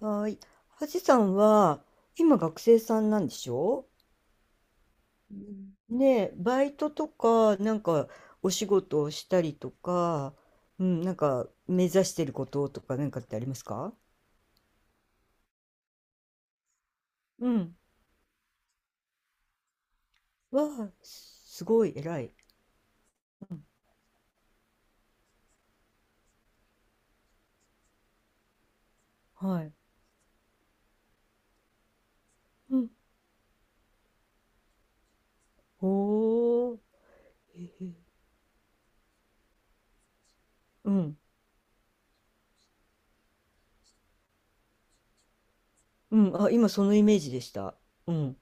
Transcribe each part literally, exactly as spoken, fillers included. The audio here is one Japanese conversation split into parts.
はーい。はじさんは、今学生さんなんでしょ？ねえ、バイトとか、なんか、お仕事をしたりとか、うん、なんか、目指してることとか、なんかってありますか？うん。わあ、すごい、偉い。うん。はい。うん。おー。へへ。うん。うん。あ、今そのイメージでした。うん。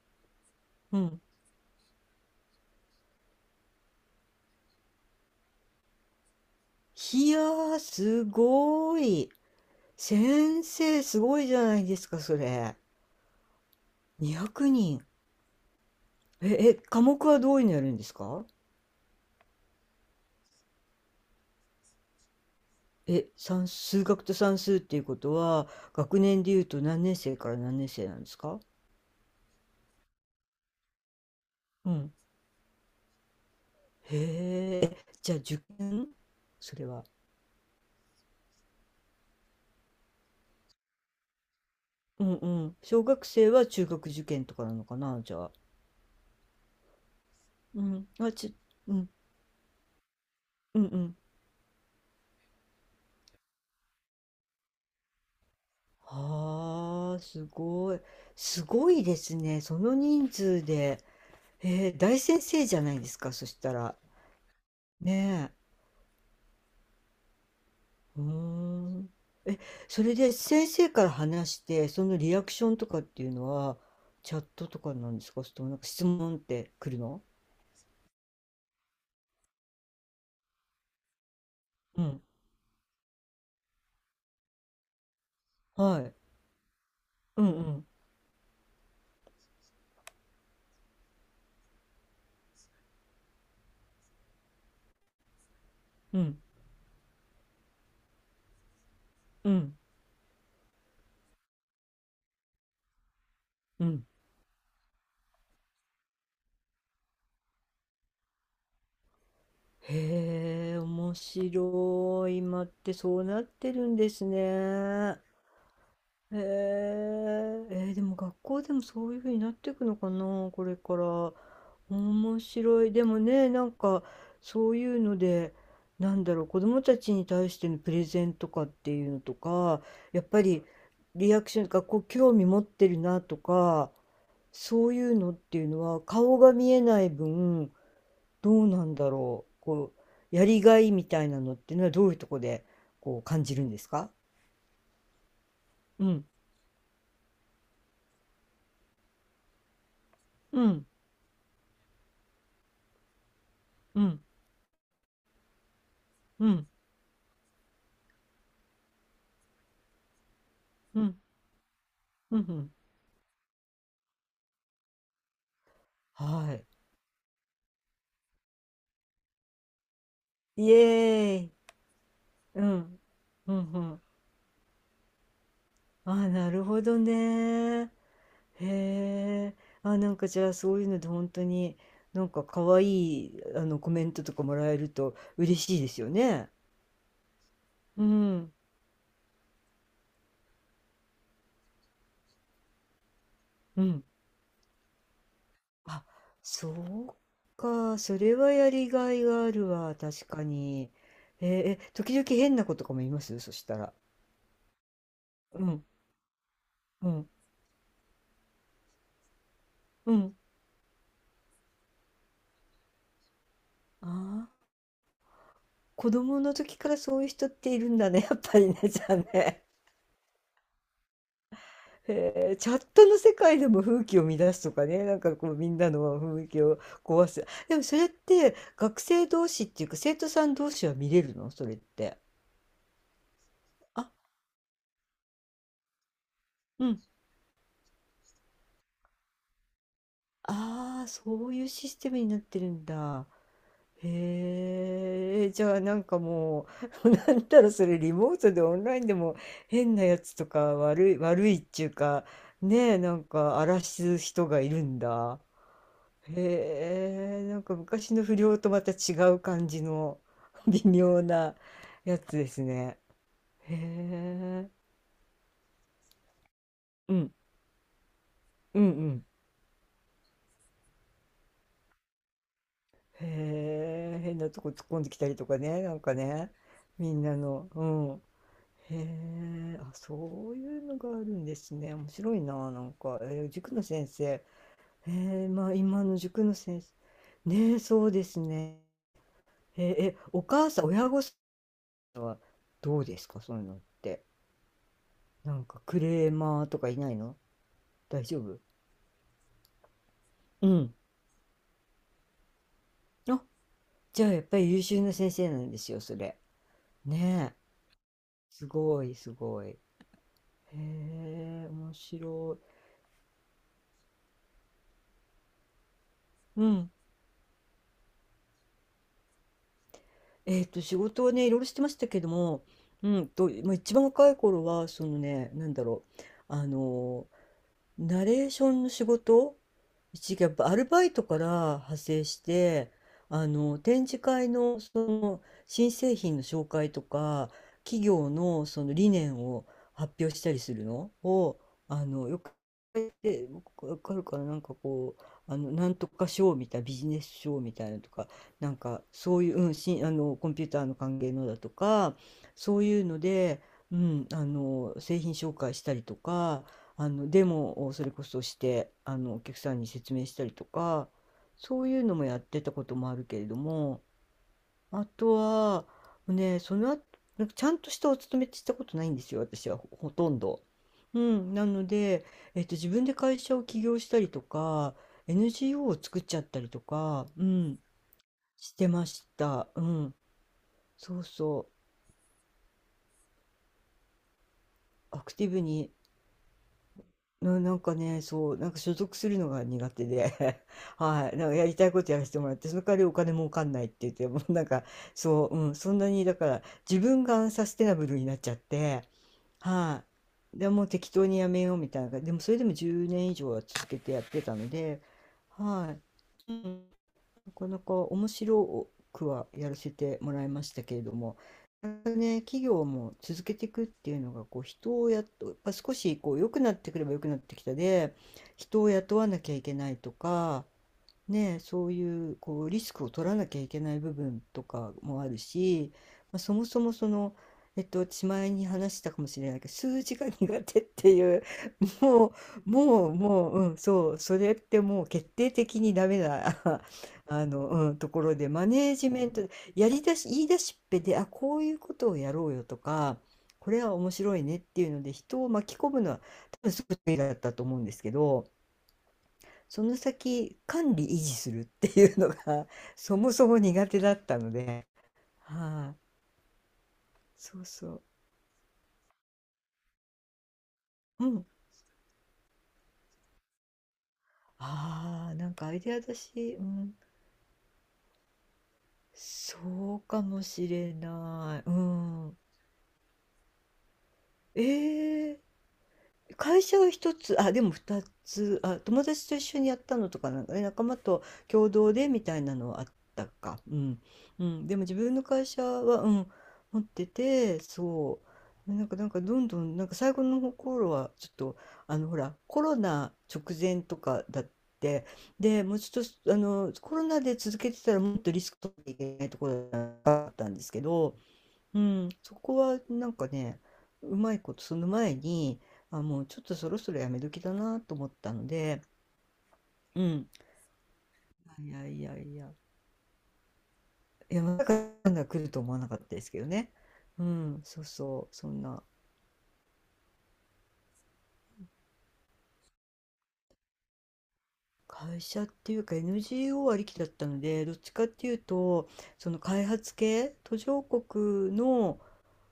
うん。いやー、すごい。先生、すごいじゃないですか、それ。にひゃくにん。え、え、科目はどういうのやるんですか？え、算、数学と算数っていうことは、学年でいうと何年生から何年生なんですか？うん。へえ、じゃあ受験それは。うんうん。小学生は中学受験とかなのかな、じゃあ。うん。あ、ち、うん、うんうん。はあ、すごい。すごいですね。その人数で。えー、大先生じゃないですか、そしたら。ねえ。うーん。え、それで先生から話して、そのリアクションとかっていうのは、チャットとかなんですか、それともなんか質問って来るの？うん。はい。うんうん。うん。うん。うん。へえ、面白い。今ってそうなってるんですね。へえ、えーでも学校でもそういうふうになっていくのかな、これから。面白い。でもね、なんかそういうので、なんだろう、子供たちに対してのプレゼンとかっていうのとか、やっぱりリアクションとか、こう興味持ってるなとか、そういうのっていうのは顔が見えない分、どうなんだろう、こうやりがいみたいなのっていうのはどういうとこでこう感じるんですか？うん、うん、うん、うん、うん、うん、うん、はい。イエーイ。うん、うん、うん。あ、なるほどね。へえ。あ、なんかじゃあそういうので本当になんか可愛いあのコメントとかもらえると嬉しいですよね。うん、うん。あ、そうか。それはやりがいがあるわ。確かに。えー、え、時々変な子とかもいますそしたら？うん、うん、うん。ああ、子供の時からそういう人っているんだね。やっぱりね、じゃあね。へえ、チャットの世界でも風紀を乱すとかね、なんかこうみんなの雰囲気を壊す。でもそれって学生同士っていうか生徒さん同士は見れるのそれって？あ、うん。ああ、そういうシステムになってるんだ。へえ、じゃあなんかもう、なんだろう、それリモートでオンラインでも変なやつとか悪い、悪いっていうか、ねえ、なんか荒らす人がいるんだ。へえ、なんか昔の不良とまた違う感じの 微妙なやつですね。へえ、うん、うん、うん。へえ、変なとこ突っ込んできたりとかね、なんかね、みんなの、うん。へえ、あ、そういうのがあるんですね。面白いな、なんか。えー塾の先生。へえ、まあ今の塾の先生。ねえ、そうですね。へえ、えお母さん、親御さん、どうですか、そういうのって。なんかクレーマーとかいないの？大丈夫？うん。あ、じゃあやっぱり優秀な先生なんですよ、それ。ねえ。すごい、すごい。へえ、面白い。うん。えっと、仕事はね、いろいろしてましたけども、うんと、まあ、一番若い頃は、そのね、なんだろう。あのナレーションの仕事一時やっぱアルバイトから派生してあの展示会のその新製品の紹介とか企業のその理念を発表したりするのをあのよくで僕わかるからなんかこうあのなんとかショーみたいなビジネスショーみたいなのとかなんかそういう、うん、しあのコンピューターの関係のだとかそういうので、うん、あの製品紹介したりとかあのデモをそれこそしてあのお客さんに説明したりとかそういうのもやってたこともあるけれどもあとは、ね、その後、なんかちゃんとしたお勤めってしたことないんですよ、私はほ、ほとんど。うん、なので、えっと、自分で会社を起業したりとか、エヌジーオー を作っちゃったりとか、うん、してました。うん、そうそう、アクティブに、な、なんかね、そう、なんか所属するのが苦手で、はい、なんかやりたいことやらせてもらって、その代わりお金儲かんないって言って、もうなんか、そう、うん、そんなに、だから、自分がアンサステナブルになっちゃって、はい。でもう適当にやめようみたいな感じ。でもそれでもじゅうねん以上は続けてやってたので、はい。うん、なかなか面白くはやらせてもらいましたけれども、なんかね、企業も続けていくっていうのが、こう人をやっと、やっぱ少しこう良くなってくれば良くなってきたで、人を雇わなきゃいけないとか、ね、そういうこうリスクを取らなきゃいけない部分とかもあるし、まあ、そもそもその、えっと、私前に話したかもしれないけど数字が苦手っていうもうもうもう、うん、そうそれってもう決定的にダメな あの、うん、ところでマネージメントやりだし言い出しっぺであこういうことをやろうよとかこれは面白いねっていうので人を巻き込むのは多分すごく得意だったと思うんですけど。その先管理維持するっていうのが そもそも苦手だったので、はい、そうそう、うん、ああ、なんかアイデアだし、うん、そうかもしれない、うん、ええ会社は一つ、あ、でも二つ、あ、友達と一緒にやったのとかなんかね、仲間と共同でみたいなのはあったか。うん。うん。でも自分の会社は、うん、持ってて、そう。なんか、なんかどんどん、なんか最後の頃は、ちょっと、あの、ほら、コロナ直前とかだって、で、もうちょっと、あの、コロナで続けてたらもっとリスク取っていけないところだったんですけど、うん、そこはなんかね、うまいこと、その前に、あ、もうちょっとそろそろやめ時だなと思ったので、うん、いやいやいや、いや、まさかこんな来ると思わなかったですけどね。うん、そうそう、そんな。会社っていうか エヌジーオー ありきだったので、どっちかっていうと、その開発系、途上国の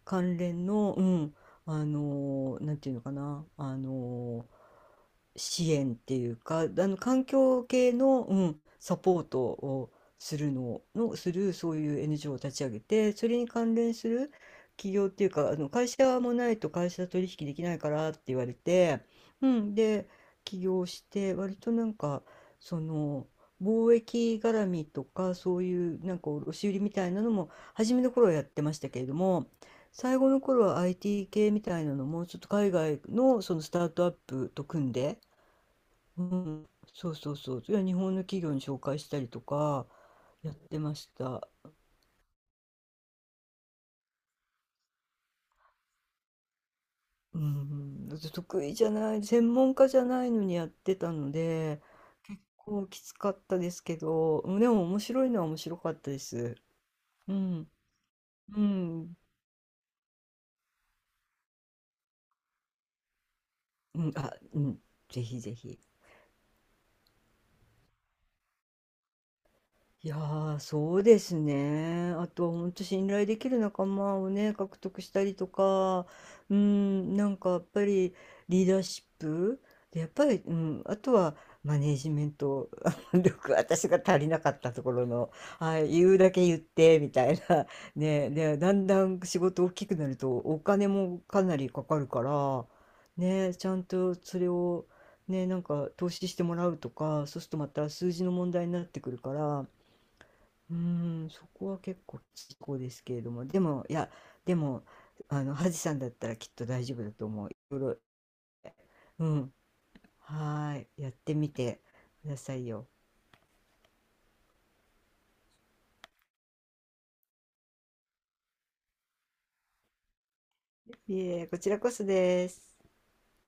関連の、うん、あのなんていうのかな、あの支援っていうか、あの環境系の、うん、サポートをするのの、するそういう エヌジーオー を立ち上げて、それに関連する企業っていうか、あの会社もないと会社取引できないからって言われて、うん、で、起業して、割となんか、その、貿易絡みとかそういうなんか卸売みたいなのも初めの頃はやってましたけれども、最後の頃は アイティー 系みたいなのもちょっと海外のそのスタートアップと組んで、うん、そうそうそう、いや日本の企業に紹介したりとかやってました。うん、だって得意じゃない、専門家じゃないのにやってたので、結構きつかったですけど、でも面白いのは面白かったです。うん、うん、うん、あ、うん、ぜひぜひ。いやー、そうですね。あとは本当信頼できる仲間をね、獲得したりとか、うん、なんかやっぱりリーダーシップで、やっぱり、うん、あとはマネージメント 力、私が足りなかったところの、はい、言うだけ言って、みたいな。ね、で、だんだん仕事大きくなるとお金もかなりかかるから、ね、ちゃんとそれを、ね、なんか投資してもらうとか、そうするとまた数字の問題になってくるから、うーん、そこは結構きこですけれども、でも、いや、でも、あの、ハジさんだったらきっと大丈夫だと思う。いろいろ、うん、はーい、やってみてくださいよ。いえ、こちらこそです。